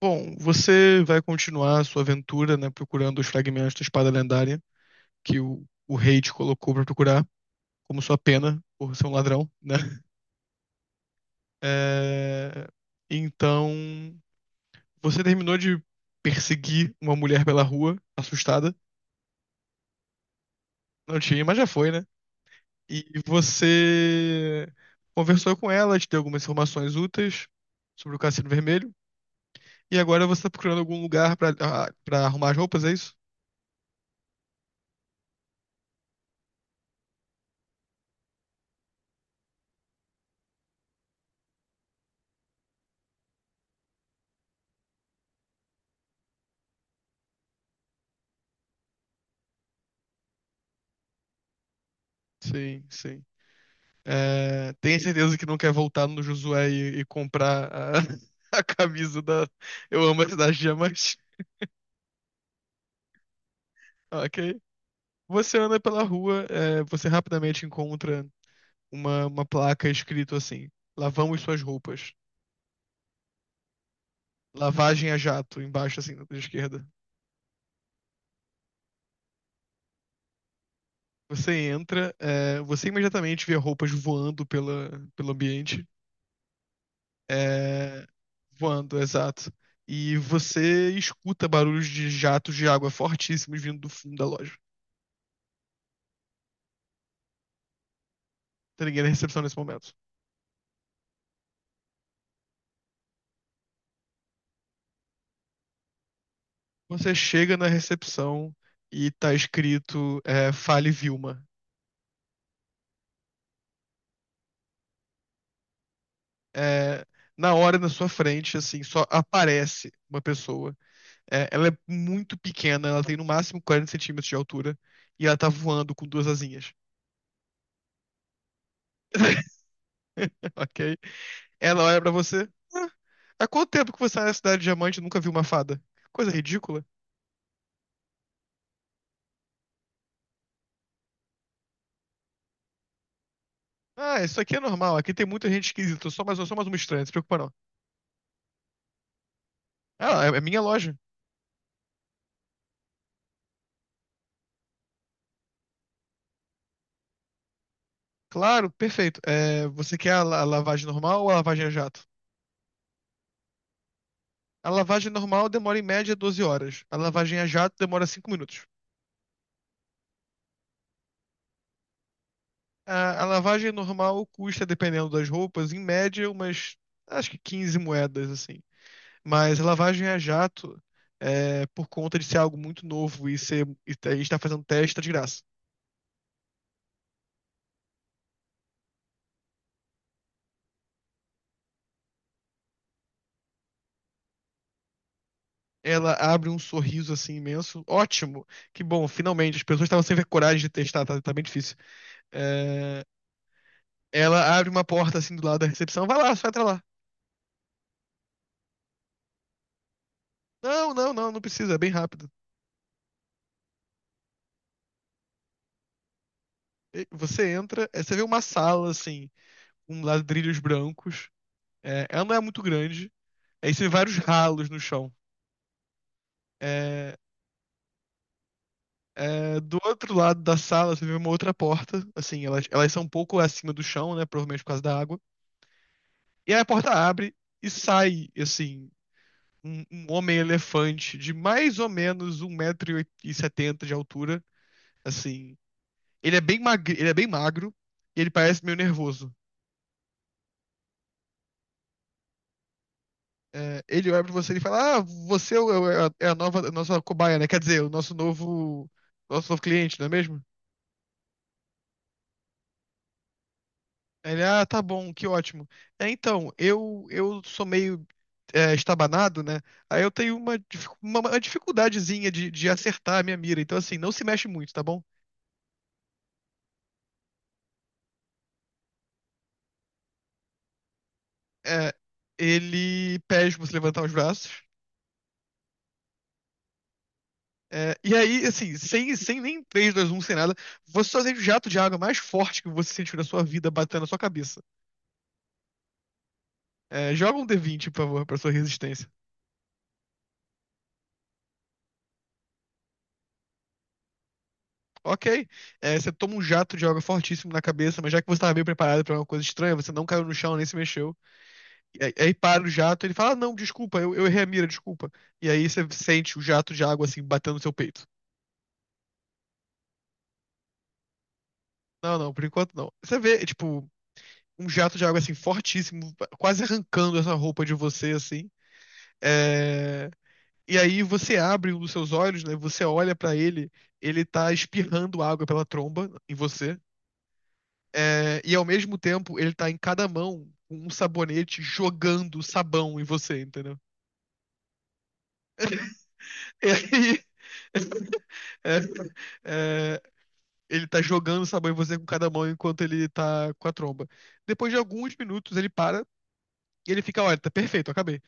Bom, você vai continuar a sua aventura, né, procurando os fragmentos da espada lendária que o rei te colocou pra procurar, como sua pena por ser um ladrão, né? É, Então, você terminou de perseguir uma mulher pela rua, assustada. Não tinha, mas já foi, né? E você conversou com ela, te deu algumas informações úteis sobre o Cassino Vermelho. E agora você tá procurando algum lugar pra, ah, pra arrumar as roupas, é isso? Sim, sim. É, tenha certeza que não quer voltar no Josué e comprar a, a camisa da Eu Amo a Cidade de Diamante. Ok. Você anda pela rua, você rapidamente encontra uma placa escrito assim: Lavamos suas roupas. Lavagem a jato, embaixo, assim, da esquerda. Você entra, você imediatamente vê roupas voando pelo ambiente. É, voando, exato. E você escuta barulhos de jatos de água fortíssimos vindo do fundo da loja. Tem ninguém na recepção nesse momento. Você chega na recepção e tá escrito Fale Vilma. É, na hora, na sua frente, assim, só aparece uma pessoa. Ela é muito pequena, ela tem no máximo 40 centímetros de altura. E ela tá voando com duas asinhas, ok? Ela olha pra você. "Ah, há quanto tempo que você tá na Cidade de Diamante e nunca viu uma fada? Que coisa ridícula. Ah, isso aqui é normal. Aqui tem muita gente esquisita. Eu sou mais uma estranha, não se preocupa não. Ah, é minha loja. Claro, perfeito. Você quer a a lavagem normal ou a lavagem a jato? A lavagem normal demora em média 12 horas. A lavagem a jato demora 5 minutos. A lavagem normal custa, dependendo das roupas, em média umas, acho que 15 moedas, assim. Mas a lavagem a jato, por conta de ser algo muito novo e ser, e a gente tá fazendo teste, tá de graça. Ela abre um sorriso assim imenso. Ótimo! Que bom, finalmente. As pessoas estavam sem ver coragem de testar, tá, tá bem difícil. É, Ela abre uma porta assim do lado da recepção. Vai lá, só entra lá. Não, não, não, não precisa, é bem rápido. E Você entra, aí você vê uma sala assim, com ladrilhos brancos. Ela não é muito grande. Aí você vê vários ralos no chão. É, do outro lado da sala você vê uma outra porta. Assim, elas são um pouco acima do chão, né? Provavelmente por causa da água. E aí a porta abre e sai, assim, um homem elefante de mais ou menos 1,70 m de altura. Assim, Ele é bem magro, ele parece meio nervoso. Ele olha pra você e fala: Ah, você é a nova, a nossa cobaia, né? Quer dizer, o nosso novo cliente, não é mesmo? Aí Ele, tá bom, que ótimo. Então, eu sou meio estabanado, né? Aí eu tenho uma dificuldadezinha de acertar a minha mira. Então, assim, não se mexe muito, tá bom? É, ele pede pra você levantar os braços. E aí, assim, sem nem três dois um sem nada, você só sente o jato de água mais forte que você sentiu na sua vida batendo na sua cabeça. Joga um d20, por favor, pra sua resistência. Ok. Você toma um jato de água fortíssimo na cabeça, mas já que você estava bem preparado pra uma coisa estranha, você não caiu no chão nem se mexeu. E aí, para o jato, ele fala: "Ah, Não, desculpa, eu errei a mira, desculpa. E aí você sente o jato de água, assim, batendo no seu peito. Não, não, por enquanto não. Você vê, tipo, um jato de água, assim, fortíssimo, quase arrancando essa roupa de você, assim. É. E aí você abre um dos seus olhos, né? Você olha pra ele, ele tá espirrando água pela tromba em você. E ao mesmo tempo, ele tá em cada mão com um sabonete jogando sabão em você, entendeu? E aí. é, é, ele tá jogando sabão em você com cada mão enquanto ele tá com a tromba. Depois de alguns minutos, ele para e ele fica: Olha, tá perfeito, acabei.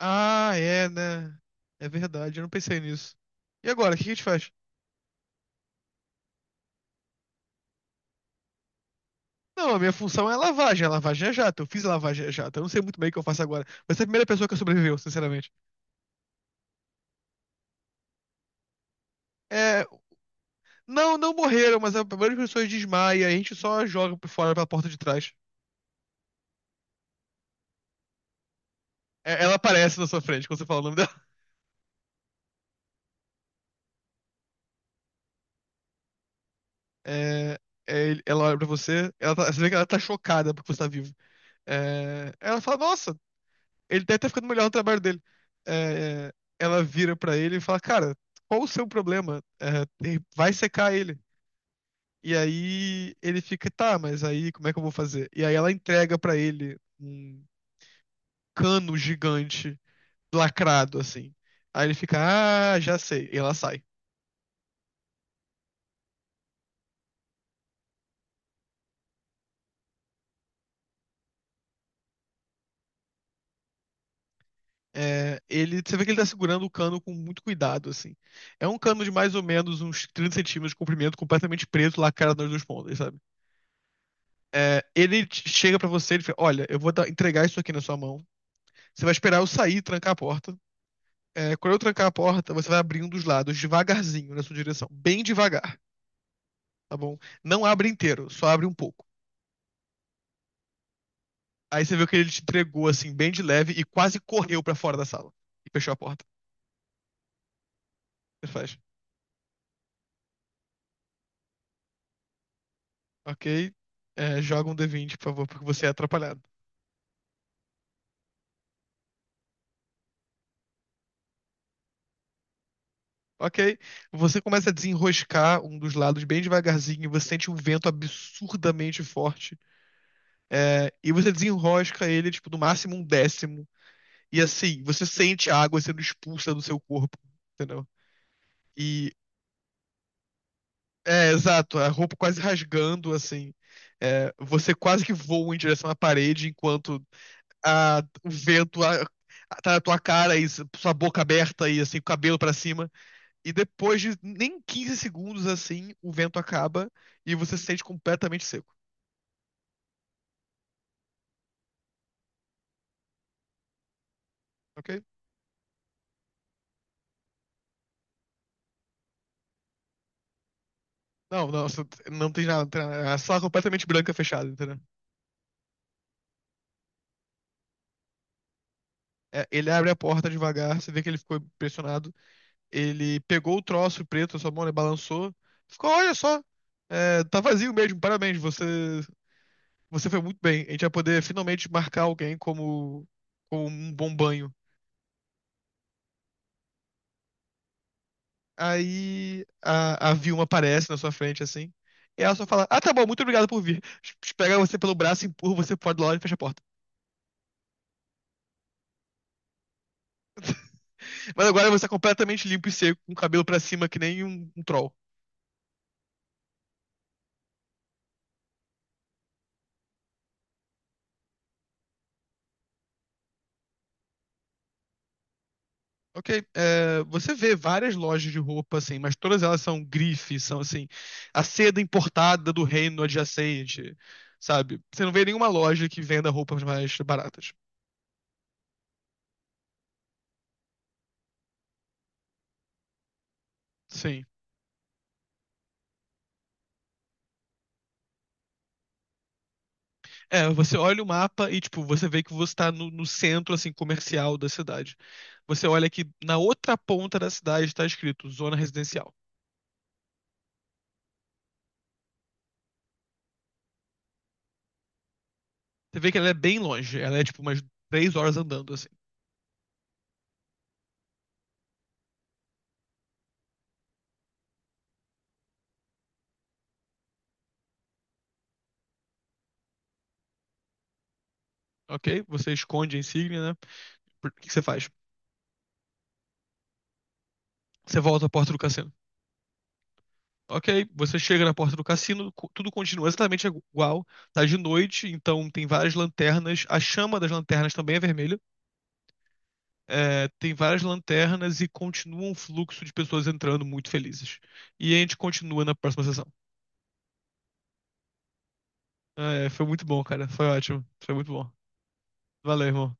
Ah, é, né? É verdade, eu não pensei nisso. E agora, o que a gente faz? Não, a minha função é lavagem. A lavagem é jato. Eu fiz a lavagem a jato. Eu não sei muito bem o que eu faço agora. Mas é a primeira pessoa que sobreviveu, sinceramente. É, não, não morreram, mas a maioria das pessoas desmaia. A gente só joga por fora pela porta de trás. Ela aparece na sua frente quando você fala o nome dela. É, ela olha pra você. Você vê que ela tá chocada porque você tá vivo. Ela fala, nossa, ele deve estar ficando melhor no trabalho dele. É, ela vira pra ele e fala, cara, qual o seu problema? Vai secar ele. E aí ele fica, tá, mas aí como é que eu vou fazer? E aí ela entrega pra ele um cano gigante, lacrado, assim. Aí ele fica, ah, já sei. E ela sai. Ele, você vê que ele tá segurando o cano com muito cuidado, assim. É um cano de mais ou menos uns 30 centímetros de comprimento, completamente preto, lacrado nas duas pontas, sabe? Ele chega pra você, ele fala, olha, eu vou entregar isso aqui na sua mão. Você vai esperar eu sair e trancar a porta. Quando eu trancar a porta, você vai abrir um dos lados devagarzinho na sua direção, bem devagar. Tá bom. Não abre inteiro, só abre um pouco. Aí você viu que ele te entregou assim, bem de leve, e quase correu pra fora da sala. E fechou a porta. Você faz. Ok. Joga um d vinte, por favor, porque você é atrapalhado. Ok. Você começa a desenroscar um dos lados bem devagarzinho, e você sente um vento absurdamente forte. E você desenrosca ele, tipo, no máximo um décimo. E assim, você sente a água sendo expulsa do seu corpo, entendeu? E Exato, a roupa quase rasgando, assim. Você quase que voa em direção à parede enquanto o vento tá na tua cara e sua boca aberta e assim, o cabelo pra cima. E depois de nem 15 segundos assim, o vento acaba e você se sente completamente seco, ok? Não, não, você não tem nada, não tem nada. A sala completamente branca fechada, entendeu? Ele abre a porta devagar, você vê que ele ficou impressionado. Ele pegou o troço preto na sua mão, ele balançou. Ficou, olha só, tá vazio mesmo, parabéns, você foi muito bem. A gente vai poder finalmente marcar alguém como um bom banho. Aí a Vilma aparece na sua frente, assim. E ela só fala, ah, tá bom, muito obrigado por vir. Pega você pelo braço, empurra você pro lado e fecha a porta. Mas agora você é completamente limpo e seco, com o cabelo pra cima que nem um troll. Ok, você vê várias lojas de roupa, assim, mas todas elas são grife, são assim, a seda importada do reino adjacente, sabe? Você não vê nenhuma loja que venda roupas mais baratas. Sim. Você olha o mapa e, tipo, você vê que você tá no centro, assim, comercial da cidade. Você olha que na outra ponta da cidade tá escrito zona residencial. Você vê que ela é bem longe, ela é, tipo, umas 3 horas andando, assim. Ok? Você esconde a insígnia, né? O que que você faz? Você volta à porta do cassino. Ok, você chega na porta do cassino, tudo continua exatamente igual. Tá de noite, então tem várias lanternas. A chama das lanternas também é vermelha. Tem várias lanternas e continua um fluxo de pessoas entrando muito felizes. E a gente continua na próxima sessão. Foi muito bom, cara. Foi ótimo. Foi muito bom. Valeu, irmão.